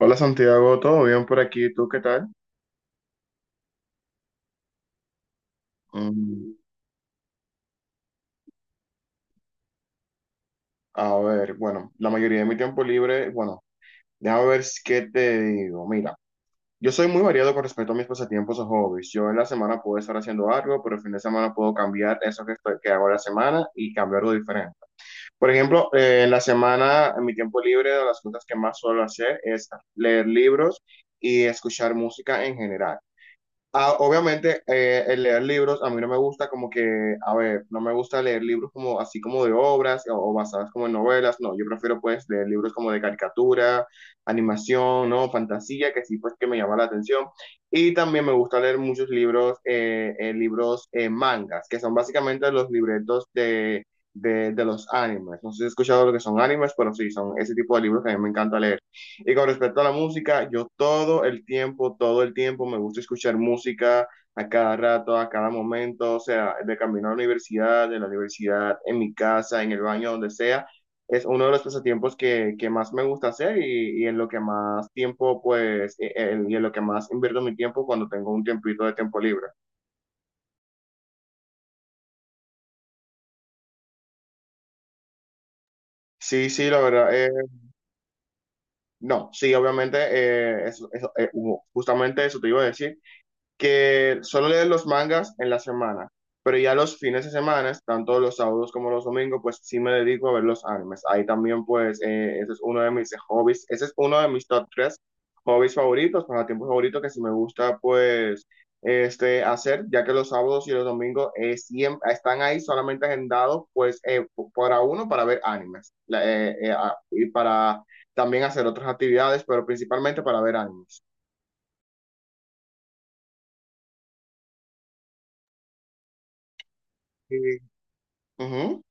Hola Santiago, ¿todo bien por aquí? ¿Tú qué tal? Mm, a ver, bueno, la mayoría de mi tiempo libre, bueno, déjame ver qué te digo. Mira, yo soy muy variado con respecto a mis pasatiempos o hobbies. Yo en la semana puedo estar haciendo algo, pero el fin de semana puedo cambiar eso que, que hago en la semana y cambiar algo diferente. Por ejemplo, en la semana, en mi tiempo libre, de las cosas que más suelo hacer es leer libros y escuchar música en general. Ah, obviamente, el leer libros a mí no me gusta como que, a ver, no me gusta leer libros como así como de obras o basadas como en novelas, no, yo prefiero pues leer libros como de caricatura, animación, ¿no? Fantasía, que sí pues que me llama la atención. Y también me gusta leer muchos libros, libros mangas, que son básicamente los libretos de los animes. No sé si has escuchado lo que son animes, pero sí, son ese tipo de libros que a mí me encanta leer. Y con respecto a la música, yo todo el tiempo me gusta escuchar música a cada rato, a cada momento, o sea, de camino a la universidad, de la universidad, en mi casa, en el baño, donde sea. Es uno de los pasatiempos que más me gusta hacer y en lo que más tiempo, pues, y en lo que más invierto mi tiempo cuando tengo un tiempito de tiempo libre. Sí, sí, la verdad, no, sí, obviamente, eso, eso, justamente eso te iba a decir que solo leen los mangas en la semana, pero ya los fines de semana, tanto los sábados como los domingos, pues sí me dedico a ver los animes. Ahí también, pues, ese es uno de mis hobbies, ese es uno de mis top tres hobbies favoritos, pasatiempos favoritos que sí me gusta, pues, este, hacer, ya que los sábados y los domingos están ahí solamente agendados, pues, para uno, para ver animes, y para también hacer otras actividades, pero principalmente para ver animes. Sí. Ujú.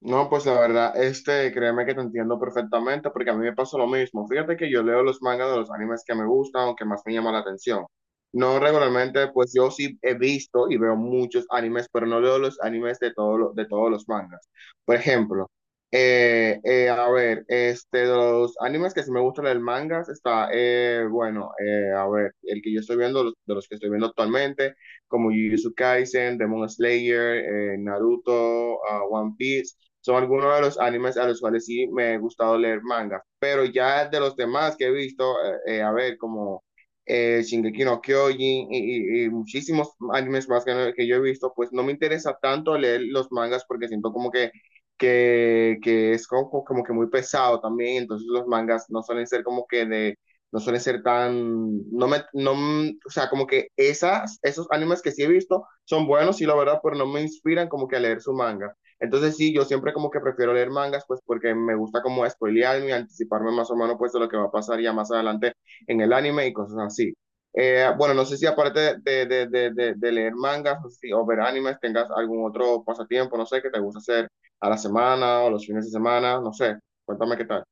No, pues la verdad, este, créeme que te entiendo perfectamente porque a mí me pasa lo mismo. Fíjate que yo leo los mangas de los animes que me gustan o que más me llaman la atención. No regularmente, pues yo sí he visto y veo muchos animes, pero no leo los animes de todos los mangas. Por ejemplo, a ver, este, de los animes que sí me gustan el mangas está, bueno, a ver, el que yo estoy viendo, de los que estoy viendo actualmente, como Jujutsu Kaisen, Demon Slayer, Naruto, ah, One Piece son algunos de los animes a los cuales sí me he gustado leer manga, pero ya de los demás que he visto, a ver, como Shingeki no Kyojin y muchísimos animes más que, que yo he visto, pues no me interesa tanto leer los mangas porque siento como que es como, como que muy pesado también, entonces los mangas no suelen ser como que de... No suelen ser tan, no me, no, o sea, como que esos animes que sí he visto son buenos, sí, la verdad, pero no me inspiran como que a leer su manga. Entonces sí, yo siempre como que prefiero leer mangas, pues porque me gusta como spoilearme y anticiparme más o menos pues de lo que va a pasar ya más adelante en el anime y cosas así. Bueno, no sé si aparte de leer mangas o o ver animes, tengas algún otro pasatiempo, no sé, que te gusta hacer a la semana o los fines de semana, no sé, cuéntame qué tal.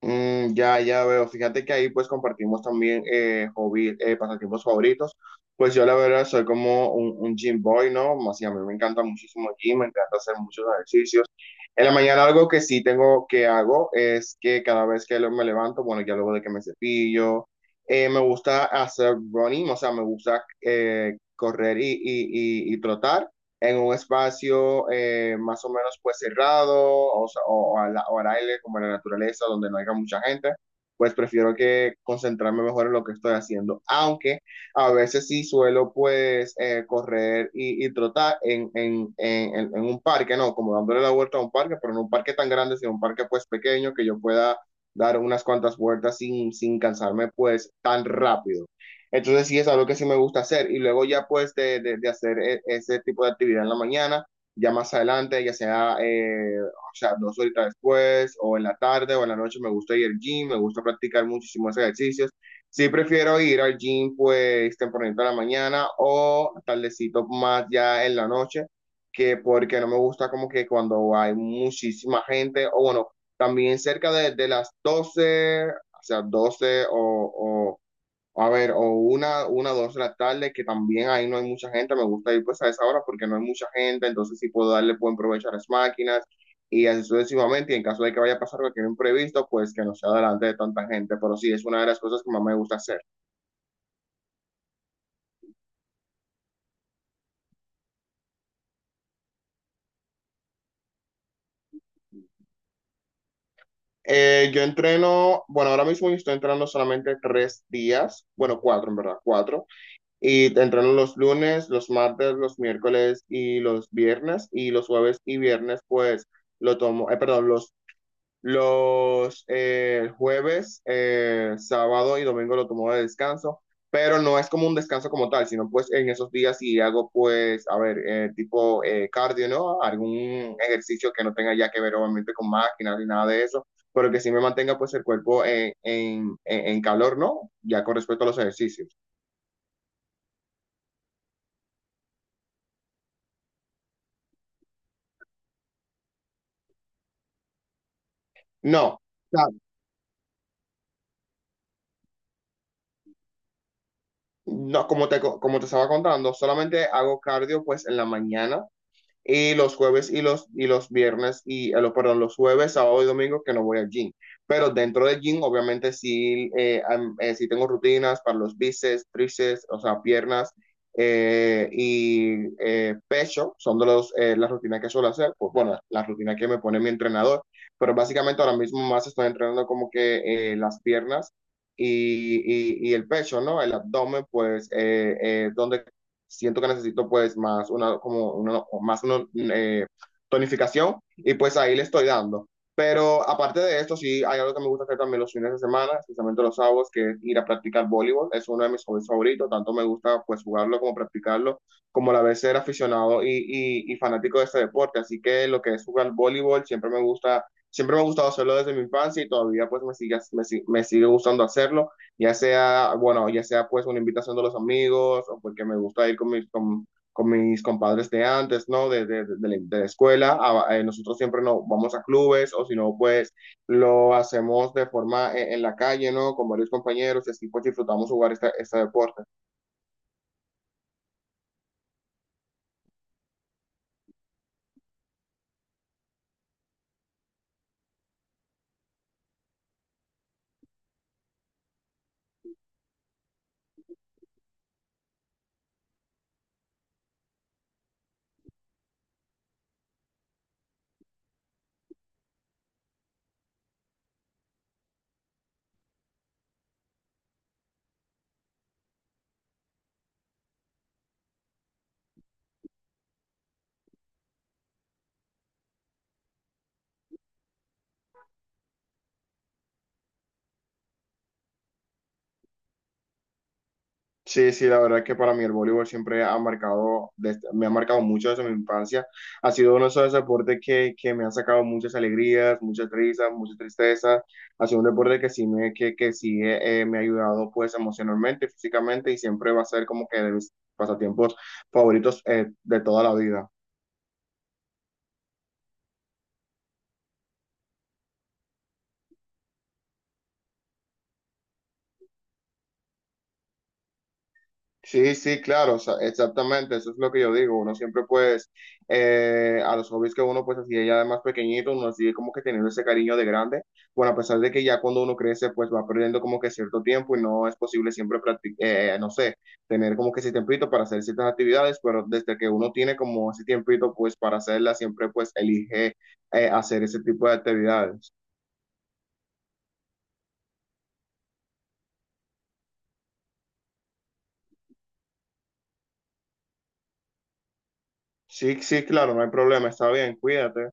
Ya, ya veo. Fíjate que ahí pues compartimos también hobby, pasatiempos favoritos. Pues yo la verdad soy como un gym boy, ¿no? Así a mí me encanta muchísimo el gym, me encanta hacer muchos ejercicios. En la mañana algo que sí tengo que hago es que cada vez que me levanto, bueno, ya luego de que me cepillo, me gusta hacer running, o sea, me gusta correr y trotar en un espacio más o menos pues cerrado o sea, o al aire como en la naturaleza donde no haya mucha gente, pues prefiero que concentrarme mejor en lo que estoy haciendo, aunque a veces sí suelo pues correr y trotar en un parque, no, como dándole la vuelta a un parque, pero no un parque tan grande, sino un parque pues pequeño que yo pueda dar unas cuantas vueltas sin cansarme pues tan rápido. Entonces sí es algo que sí me gusta hacer y luego ya pues de hacer ese tipo de actividad en la mañana, ya más adelante, ya sea, o sea, 2 horitas después o en la tarde o en la noche, me gusta ir al gym, me gusta practicar muchísimos ejercicios. Sí prefiero ir al gym pues tempranito en la mañana o tardecito más ya en la noche, que porque no me gusta como que cuando hay muchísima gente o bueno, también cerca de las 12 o sea, 12 o... A ver, o una, dos de la tarde, que también ahí no hay mucha gente. Me gusta ir pues a esa hora porque no hay mucha gente, entonces sí puedo darle buen provecho a las máquinas y así sucesivamente. Y en caso de que vaya a pasar cualquier imprevisto, pues que no sea delante de tanta gente. Pero sí, es una de las cosas que más me gusta hacer. Yo entreno, bueno, ahora mismo yo estoy entrenando solamente 3 días, bueno, cuatro en verdad, cuatro. Y entreno los lunes, los martes, los miércoles y los viernes. Y los jueves y viernes, pues lo tomo, perdón, los jueves, sábado y domingo lo tomo de descanso, pero no es como un descanso como tal, sino pues en esos días si hago pues, a ver, tipo cardio, ¿no? Algún ejercicio que no tenga ya que ver obviamente con máquinas ni nada de eso, pero que sí me mantenga pues el cuerpo en calor, ¿no? Ya con respecto a los ejercicios. No, o sea, no, como te estaba contando, solamente hago cardio pues en la mañana y los jueves y los viernes, y perdón, los jueves, sábado y domingo que no voy al gym. Pero dentro del gym, obviamente, sí, sí tengo rutinas para los bíceps, tríceps, o sea, piernas y pecho, son las rutinas que suelo hacer, pues bueno, las rutinas que me pone mi entrenador, pero básicamente ahora mismo más estoy entrenando como que las piernas y el pecho, ¿no? El abdomen, pues, donde siento que necesito pues más una eh, tonificación y pues ahí le estoy dando. Pero aparte de esto, sí, hay algo que me gusta hacer también los fines de semana, especialmente los sábados, que es ir a practicar voleibol. Es uno de mis hobbies favoritos, tanto me gusta pues jugarlo como practicarlo, como a la vez ser aficionado y fanático de este deporte. Así que lo que es jugar voleibol siempre me ha gustado hacerlo desde mi infancia y todavía pues me sigue gustando hacerlo ya sea, bueno, ya sea pues una invitación de los amigos o porque me gusta ir con mis compadres de antes, ¿no? De la escuela. Nosotros siempre nos vamos a clubes o si no, pues lo hacemos de forma en la calle, ¿no? Con varios compañeros y así pues disfrutamos jugar este deporte. Sí, sí, la verdad es que para mí el voleibol siempre ha marcado, me ha marcado mucho desde mi infancia. Ha sido uno de esos deportes que me ha sacado muchas alegrías, muchas risas, muchas tristezas. Ha sido un deporte que sí me ha ayudado pues emocionalmente, físicamente y siempre va a ser como que de mis pasatiempos favoritos de toda la vida. Sí, sí, claro, o sea, exactamente, eso es lo que yo digo, uno siempre pues, a los hobbies que uno pues hacía ya de más pequeñito, uno sigue como que teniendo ese cariño de grande, bueno, a pesar de que ya cuando uno crece pues va perdiendo como que cierto tiempo y no es posible siempre practicar, no sé, tener como que ese tiempito para hacer ciertas actividades, pero desde que uno tiene como ese tiempito pues para hacerla, siempre pues elige hacer ese tipo de actividades. Sí, sí, claro, no hay problema, está bien, cuídate.